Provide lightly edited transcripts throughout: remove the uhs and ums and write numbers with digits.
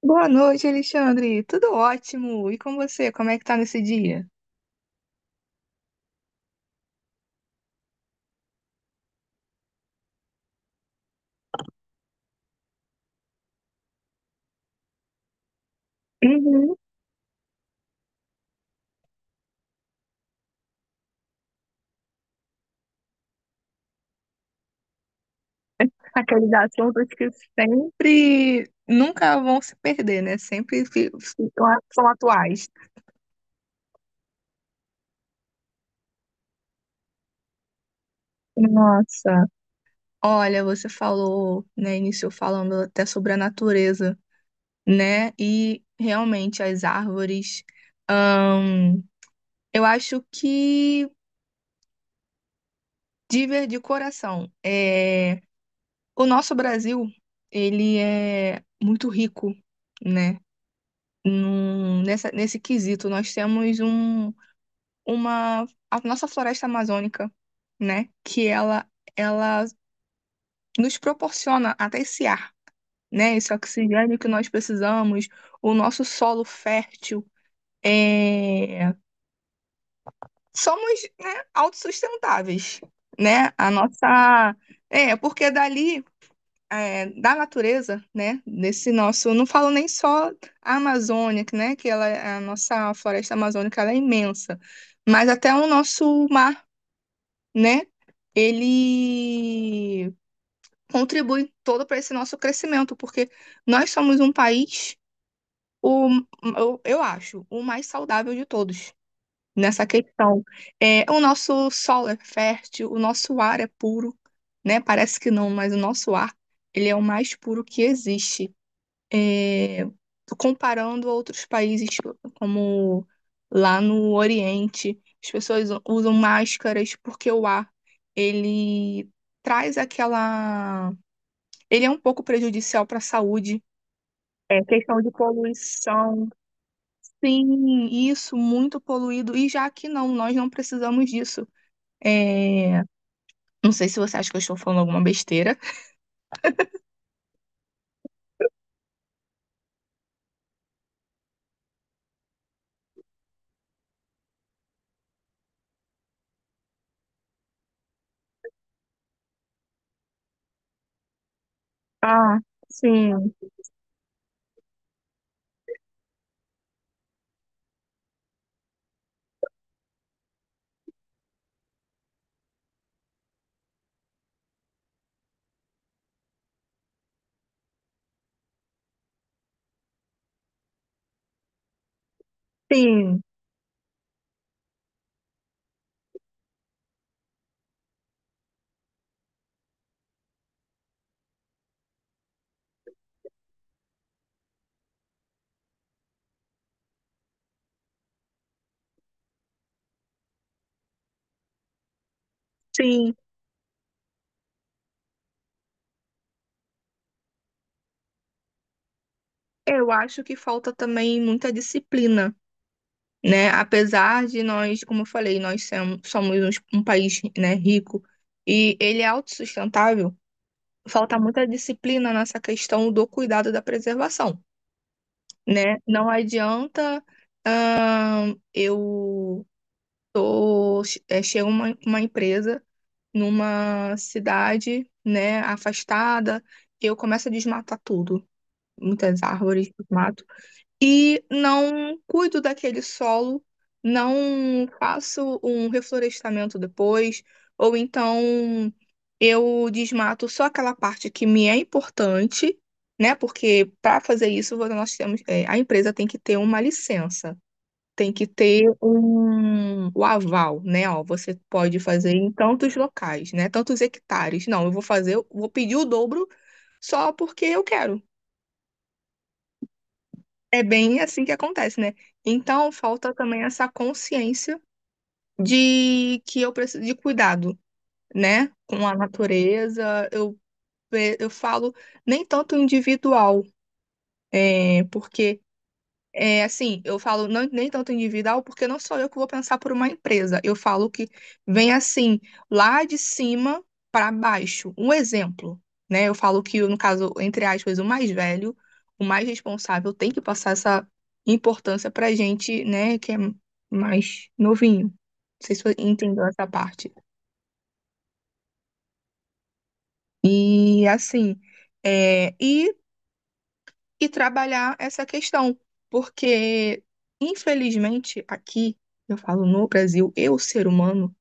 Boa noite, Alexandre. Tudo ótimo. E com você? Como é que tá nesse dia? Uhum. Aqueles assuntos que sempre, nunca vão se perder, né? Sempre fi- ficam a- São atuais. Nossa. Olha, você falou, né, iniciou falando até sobre a natureza, né? E realmente as árvores, ahn, eu acho que de coração, é, o nosso Brasil, ele é muito rico, né? Nessa, nesse quesito, nós temos um, uma, a nossa floresta amazônica, né? Ela nos proporciona até esse ar, né? Esse oxigênio que nós precisamos, o nosso solo fértil. É... Somos, né, autossustentáveis, né? A nossa... É, porque dali é, da natureza, né, desse nosso, não falo nem só a Amazônia, que, né, a nossa floresta amazônica ela é imensa, mas até o nosso mar, né, ele contribui todo para esse nosso crescimento, porque nós somos um país, o, eu acho, o mais saudável de todos nessa questão. É, o nosso solo é fértil, o nosso ar é puro, né, parece que não, mas o nosso ar, ele é o mais puro que existe é, comparando outros países, como lá no Oriente, as pessoas usam máscaras porque o ar, ele traz aquela... Ele é um pouco prejudicial para a saúde. É questão de poluição. Sim, isso, muito poluído. E já que não, nós não precisamos disso. É, não sei se você acha que eu estou falando alguma besteira. Ah, sim, sim, sim. Eu acho que falta também muita disciplina, né? Apesar de nós, como eu falei, nós somos, um país, né, rico e ele é autossustentável, falta muita disciplina nessa questão do cuidado da preservação, né? Não adianta, eu tô, é, chega uma empresa numa cidade, né, afastada, eu começo a desmatar tudo, muitas árvores, mato. E não cuido daquele solo, não faço um reflorestamento depois, ou então eu desmato só aquela parte que me é importante, né? Porque para fazer isso, nós temos, é, a empresa tem que ter uma licença. Tem que ter um, o aval, né? Ó, você pode fazer em tantos locais, né? Tantos hectares. Não, eu vou fazer, eu vou pedir o dobro só porque eu quero. É bem assim que acontece, né? Então, falta também essa consciência de que eu preciso de cuidado, né? Com a natureza. Eu, eu falo nem tanto individual, é, porque. É, assim, eu falo não, nem tanto individual, porque não sou eu que vou pensar por uma empresa. Eu falo que vem assim, lá de cima para baixo. Um exemplo, né? Eu falo que, no caso, entre aspas, o mais velho, o mais responsável, tem que passar essa importância para gente, né, que é mais novinho. Não sei se você entendeu essa parte. E assim, é, e trabalhar essa questão, porque, infelizmente, aqui, eu falo no Brasil, eu, ser humano,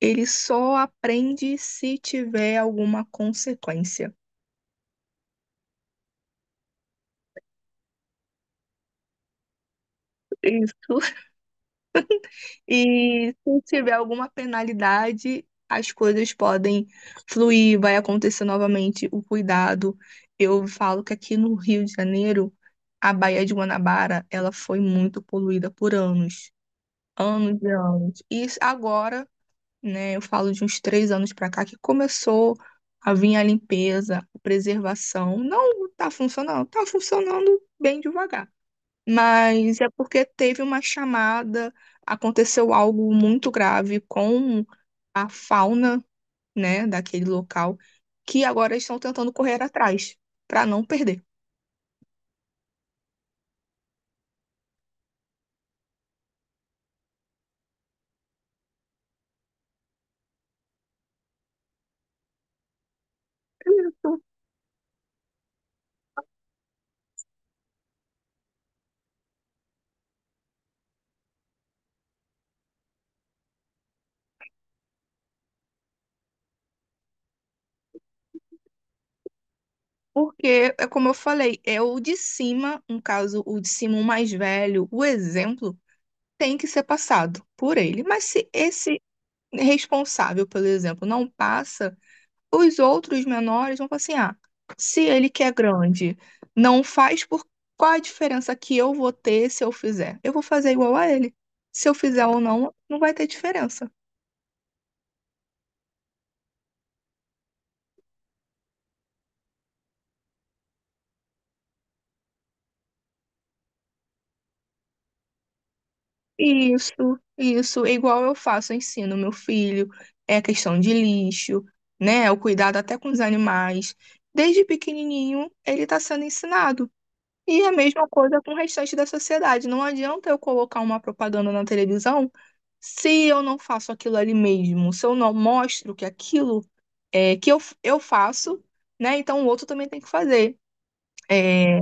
ele só aprende se tiver alguma consequência. Isso. E se tiver alguma penalidade, as coisas podem fluir, vai acontecer novamente o cuidado. Eu falo que aqui no Rio de Janeiro, a Baía de Guanabara, ela foi muito poluída por anos, anos e anos. E agora né? Eu falo de uns três anos para cá que começou a vir a limpeza, a preservação. Não está funcionando, está funcionando bem devagar. Mas é porque teve uma chamada, aconteceu algo muito grave com a fauna, né, daquele local, que agora estão tentando correr atrás para não perder. Isso. Porque, é como eu falei, é o de cima, no caso, o de cima, o mais velho, o exemplo tem que ser passado por ele. Mas se esse responsável, por exemplo, não passa, os outros menores vão falar assim: ah, se ele que é grande não faz, por qual a diferença que eu vou ter se eu fizer? Eu vou fazer igual a ele. Se eu fizer ou não, não vai ter diferença. Isso, isso, é igual eu faço, eu ensino meu filho, é questão de lixo, né? O cuidado até com os animais. Desde pequenininho, ele está sendo ensinado. E a mesma coisa com o restante da sociedade. Não adianta eu colocar uma propaganda na televisão se eu não faço aquilo ali mesmo, se eu não mostro que aquilo é que eu faço, né? Então o outro também tem que fazer. É,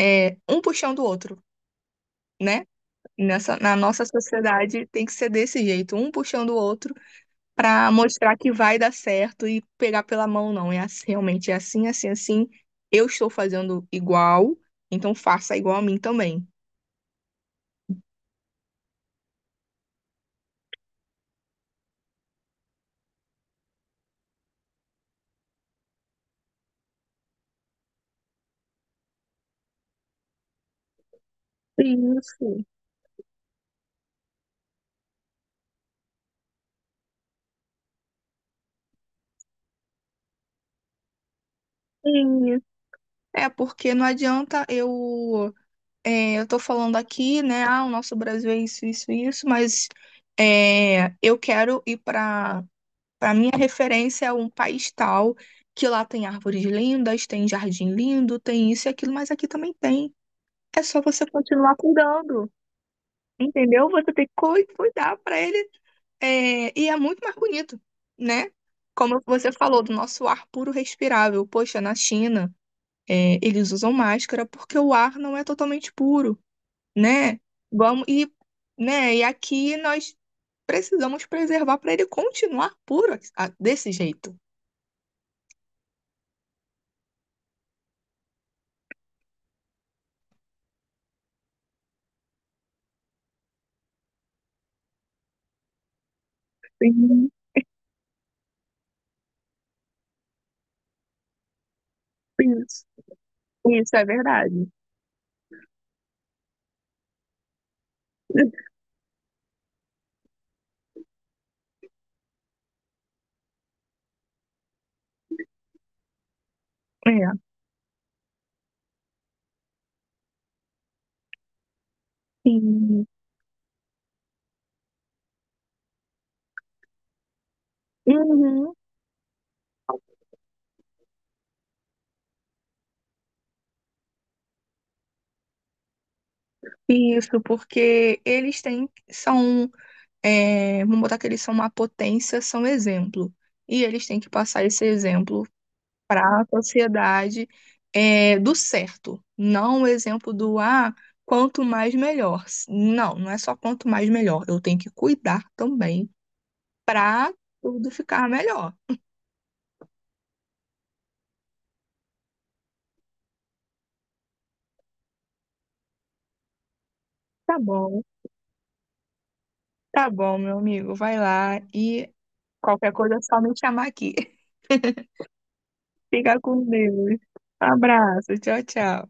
é um puxando o outro, né? Na nossa sociedade tem que ser desse jeito, um puxando o outro para mostrar que vai dar certo e pegar pela mão, não. É assim, realmente é assim, assim, assim. Eu estou fazendo igual, então faça igual a mim também. Isso, sim. É porque não adianta eu, é, eu tô falando aqui, né? Ah, o nosso Brasil é isso, isso, isso, mas é, eu quero ir para minha referência é um país tal que lá tem árvores lindas, tem jardim lindo, tem isso e aquilo, mas aqui também tem. É só você continuar cuidando, entendeu? Você tem que cuidar para ele é, e é muito mais bonito, né? Como você falou, do nosso ar puro respirável. Poxa, na China. É, eles usam máscara porque o ar não é totalmente puro, né? E, né? E aqui nós precisamos preservar para ele continuar puro desse jeito. Sim, isso, isso é verdade. É, sim. Uhum. Isso, porque eles têm, são, é, vamos botar que eles são uma potência, são exemplo. E eles têm que passar esse exemplo para a sociedade é, do certo, não o exemplo do ah, quanto mais melhor. Não, não é só quanto mais melhor, eu tenho que cuidar também para tudo ficar melhor. Tá bom, tá bom, meu amigo, vai lá e qualquer coisa é só me chamar aqui. Fica com Deus. Abraço, tchau, tchau.